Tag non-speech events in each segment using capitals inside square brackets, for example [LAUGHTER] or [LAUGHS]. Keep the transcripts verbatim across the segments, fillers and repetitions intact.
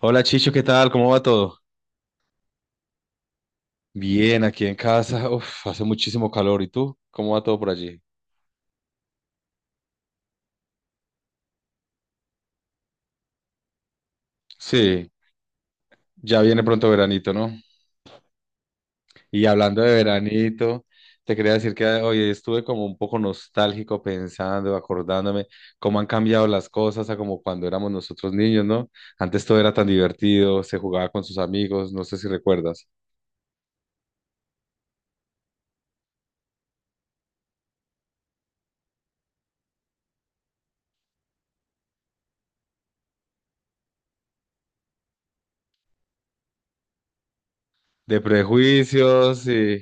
Hola Chicho, ¿qué tal? ¿Cómo va todo? Bien, aquí en casa. Uf, hace muchísimo calor. ¿Y tú? ¿Cómo va todo por allí? Sí, ya viene pronto veranito, ¿no? Y hablando de veranito, te quería decir que hoy estuve como un poco nostálgico pensando, acordándome cómo han cambiado las cosas a como cuando éramos nosotros niños, ¿no? Antes todo era tan divertido, se jugaba con sus amigos, no sé si recuerdas. De prejuicios, sí,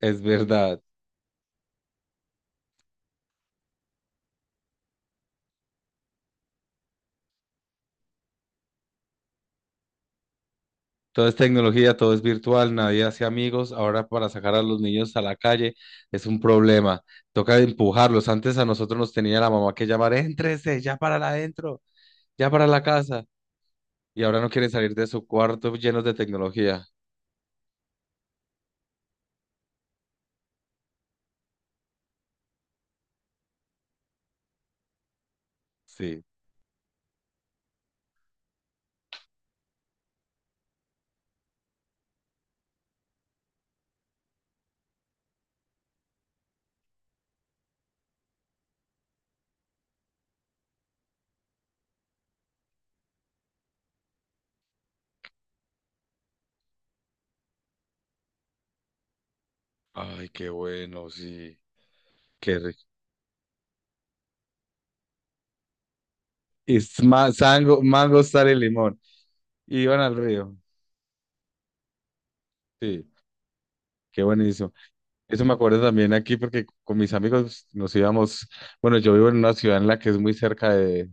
es verdad. Todo es tecnología, todo es virtual, nadie hace amigos. Ahora para sacar a los niños a la calle es un problema. Toca empujarlos. Antes a nosotros nos tenía la mamá que llamar, éntrese, ya para adentro, ya para la casa. Y ahora no quieren salir de su cuarto llenos de tecnología. Sí. Ay, qué bueno, sí. Qué rico. Y es ma- sango- mango, sal y limón. Y iban al río. Sí, qué buenísimo. Eso me acuerdo también aquí porque con mis amigos nos íbamos, bueno, yo vivo en una ciudad en la que es muy cerca de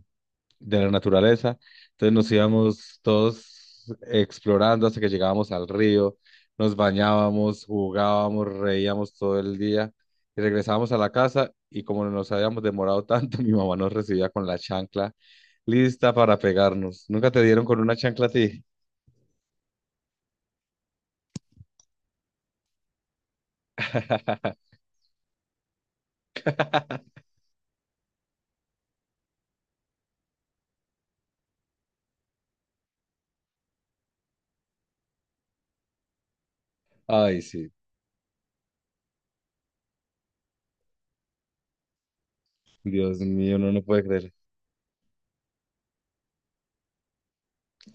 la naturaleza. Entonces nos íbamos todos explorando hasta que llegábamos al río, nos bañábamos, jugábamos, reíamos todo el día y regresábamos a la casa y como nos habíamos demorado tanto, [LAUGHS] mi mamá nos recibía con la chancla lista para pegarnos. ¿Nunca te dieron con una chancla a ti? [LAUGHS] Ay, sí. Dios mío, no lo puede creer.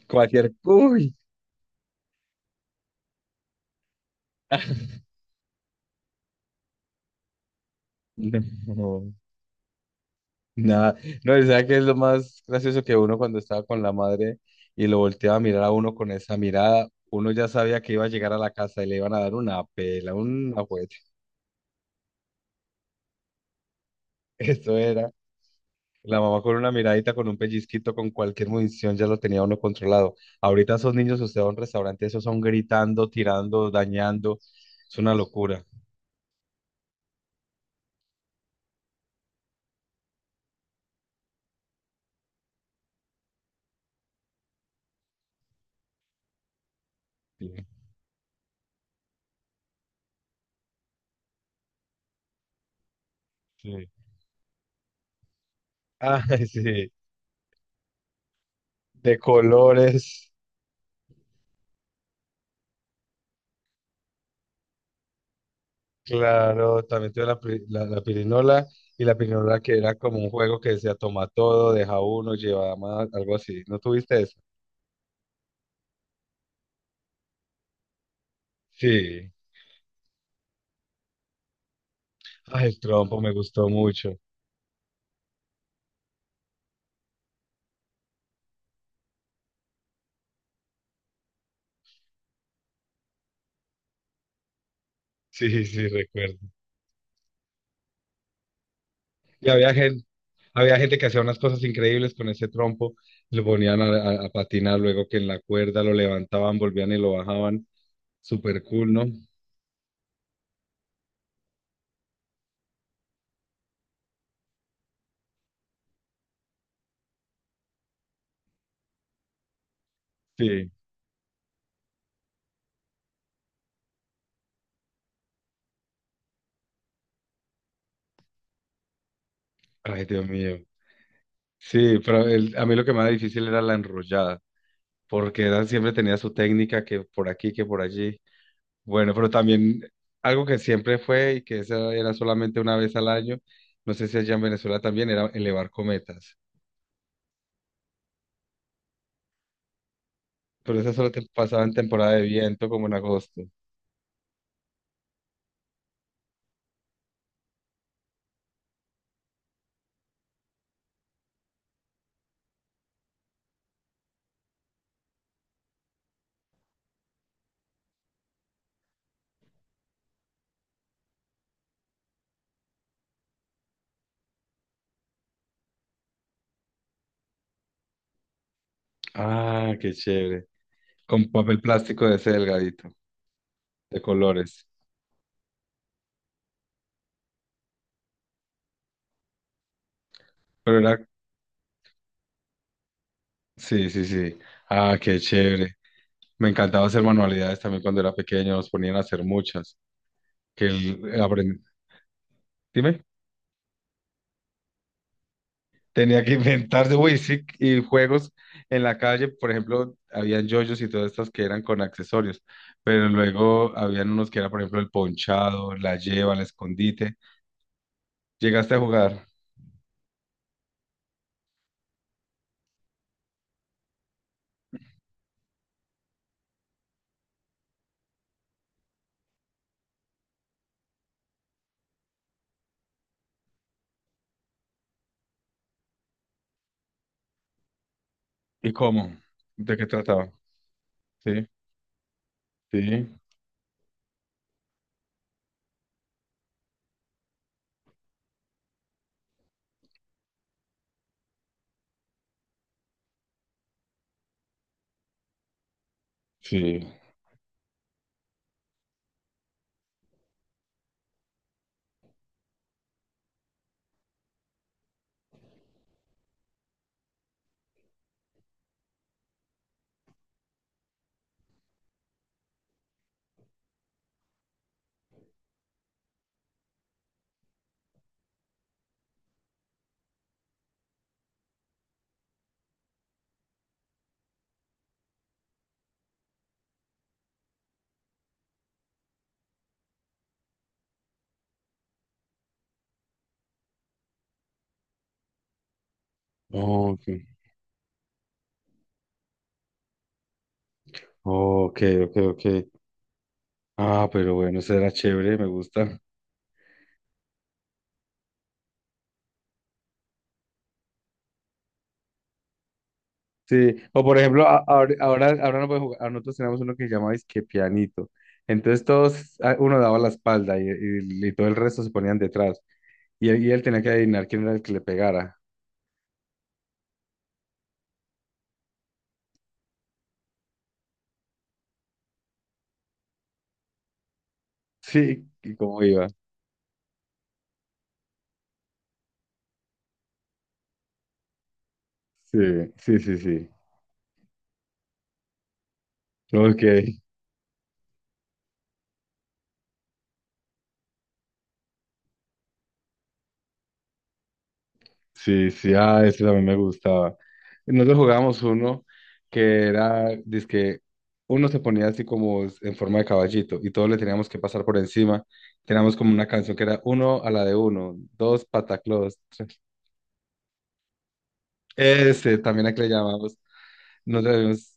Cualquier... Uy. [LAUGHS] No. Nada, no, y ¿sabe qué es lo más gracioso que uno cuando estaba con la madre y lo volteaba a mirar a uno con esa mirada? Uno ya sabía que iba a llegar a la casa y le iban a dar una pela, una jueza. [LAUGHS] Eso era. La mamá con una miradita, con un pellizquito, con cualquier munición ya lo tenía uno controlado. Ahorita esos niños, usted va a un restaurante, esos son gritando, tirando, dañando. Es una locura. Sí, sí. [LAUGHS] Ay, sí, de colores. Claro, también tuve la, pri- la, la pirinola y la pirinola que era como un juego que decía toma todo, deja uno, lleva más, algo así. ¿No tuviste eso? Sí. Ay, el trompo me gustó mucho. Sí, sí, recuerdo. Y había gente, Había gente que hacía unas cosas increíbles con ese trompo, lo ponían a, a- a patinar, luego que en la cuerda lo levantaban, volvían y lo bajaban. Súper cool, ¿no? Sí. Ay, Dios mío. Sí, pero el- a mí lo que más difícil era la enrollada, porque Dan siempre tenía su técnica que por aquí, que por allí. Bueno, pero también algo que siempre fue y que esa era solamente una vez al año, no sé si allá en Venezuela también, era elevar cometas. Pero esa solo te pasaba en temporada de viento, como en agosto. Ah, qué chévere. Con papel plástico de ese delgadito, de colores. Pero era, sí, sí, sí. Ah, qué chévere. Me encantaba hacer manualidades también cuando era pequeño, nos ponían a hacer muchas. Que el, aprend- Dime. Tenía que inventarse, uy, sí, y juegos en la calle, por ejemplo, habían yoyos y todas estas que eran con accesorios, pero luego habían unos que era, por ejemplo, el ponchado, la lleva, el escondite. ¿Llegaste a jugar? ¿Y cómo? ¿De qué trataba? Sí, sí, sí. Ok, ok, ok, ok. Ah, pero bueno, eso era chévere, me gusta. Sí, o por ejemplo, a- ahor- ahora, ahora no puede jugar, ahora nosotros tenemos uno que se llama que pianito. Entonces todos, ah, uno daba la espalda y, y- y todo el resto se ponían detrás. Y él, y él tenía que adivinar quién era el que le pegara. [LAUGHS] Sí, y cómo iba. Sí, sí, sí, sí. Ok. Sí, sí, ah, ese también me gustaba. Nosotros jugábamos uno que era, dizque, uno se ponía así como en forma de caballito y todos le teníamos que pasar por encima. Teníamos como una canción que era uno a la de uno, dos pataclos, tres. Ese también a que le llamamos. Nosotros sabemos.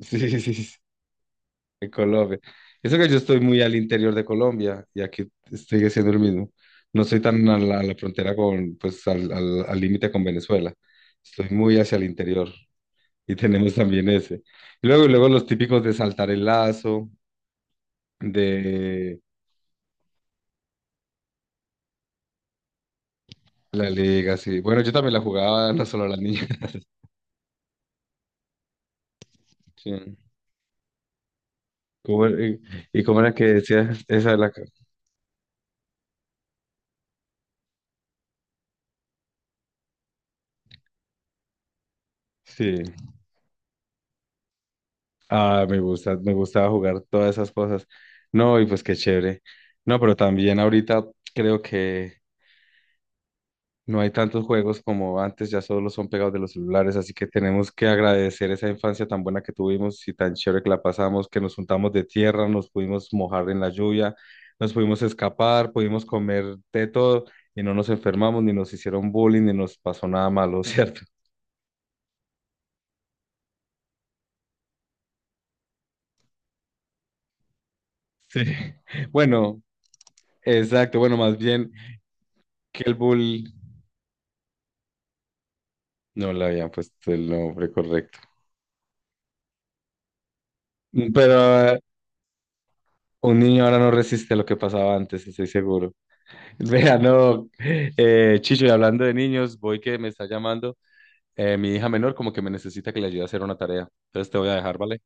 Sí, [LAUGHS] sí, sí, sí, en Colombia. Eso que yo estoy muy al interior de Colombia y aquí sigue siendo el mismo. No estoy tan a la, a la frontera con, pues, al al- al límite con Venezuela. Estoy muy hacia el interior. Y tenemos también ese. Y luego, y luego los típicos de saltar el lazo, de la liga, sí. Bueno, yo también la jugaba, [LAUGHS] no solo las niñas. [LAUGHS] Sí. ¿Cómo era- y, ¿y cómo era que decías esa de la... ca- Sí. Ah, me gusta, me gustaba jugar todas esas cosas. No, y pues qué chévere. No, pero también ahorita creo que no hay tantos juegos como antes, ya solo son pegados de los celulares, así que tenemos que agradecer esa infancia tan buena que tuvimos y tan chévere que la pasamos, que nos juntamos de tierra, nos pudimos mojar en la lluvia, nos pudimos escapar, pudimos comer de todo y no nos enfermamos, ni nos hicieron bullying, ni nos pasó nada malo, ¿cierto? Sí. [LAUGHS] Bueno, exacto, bueno, más bien que el bull no le habían puesto el nombre correcto. Pero eh, un niño ahora no resiste lo que pasaba antes, estoy seguro. Vea, no, eh, Chicho, y hablando de niños, voy que me está llamando eh, mi hija menor, como que me necesita que le ayude a hacer una tarea. Entonces te voy a dejar, ¿vale?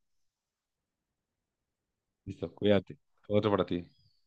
Listo, cuídate. Otro para ti.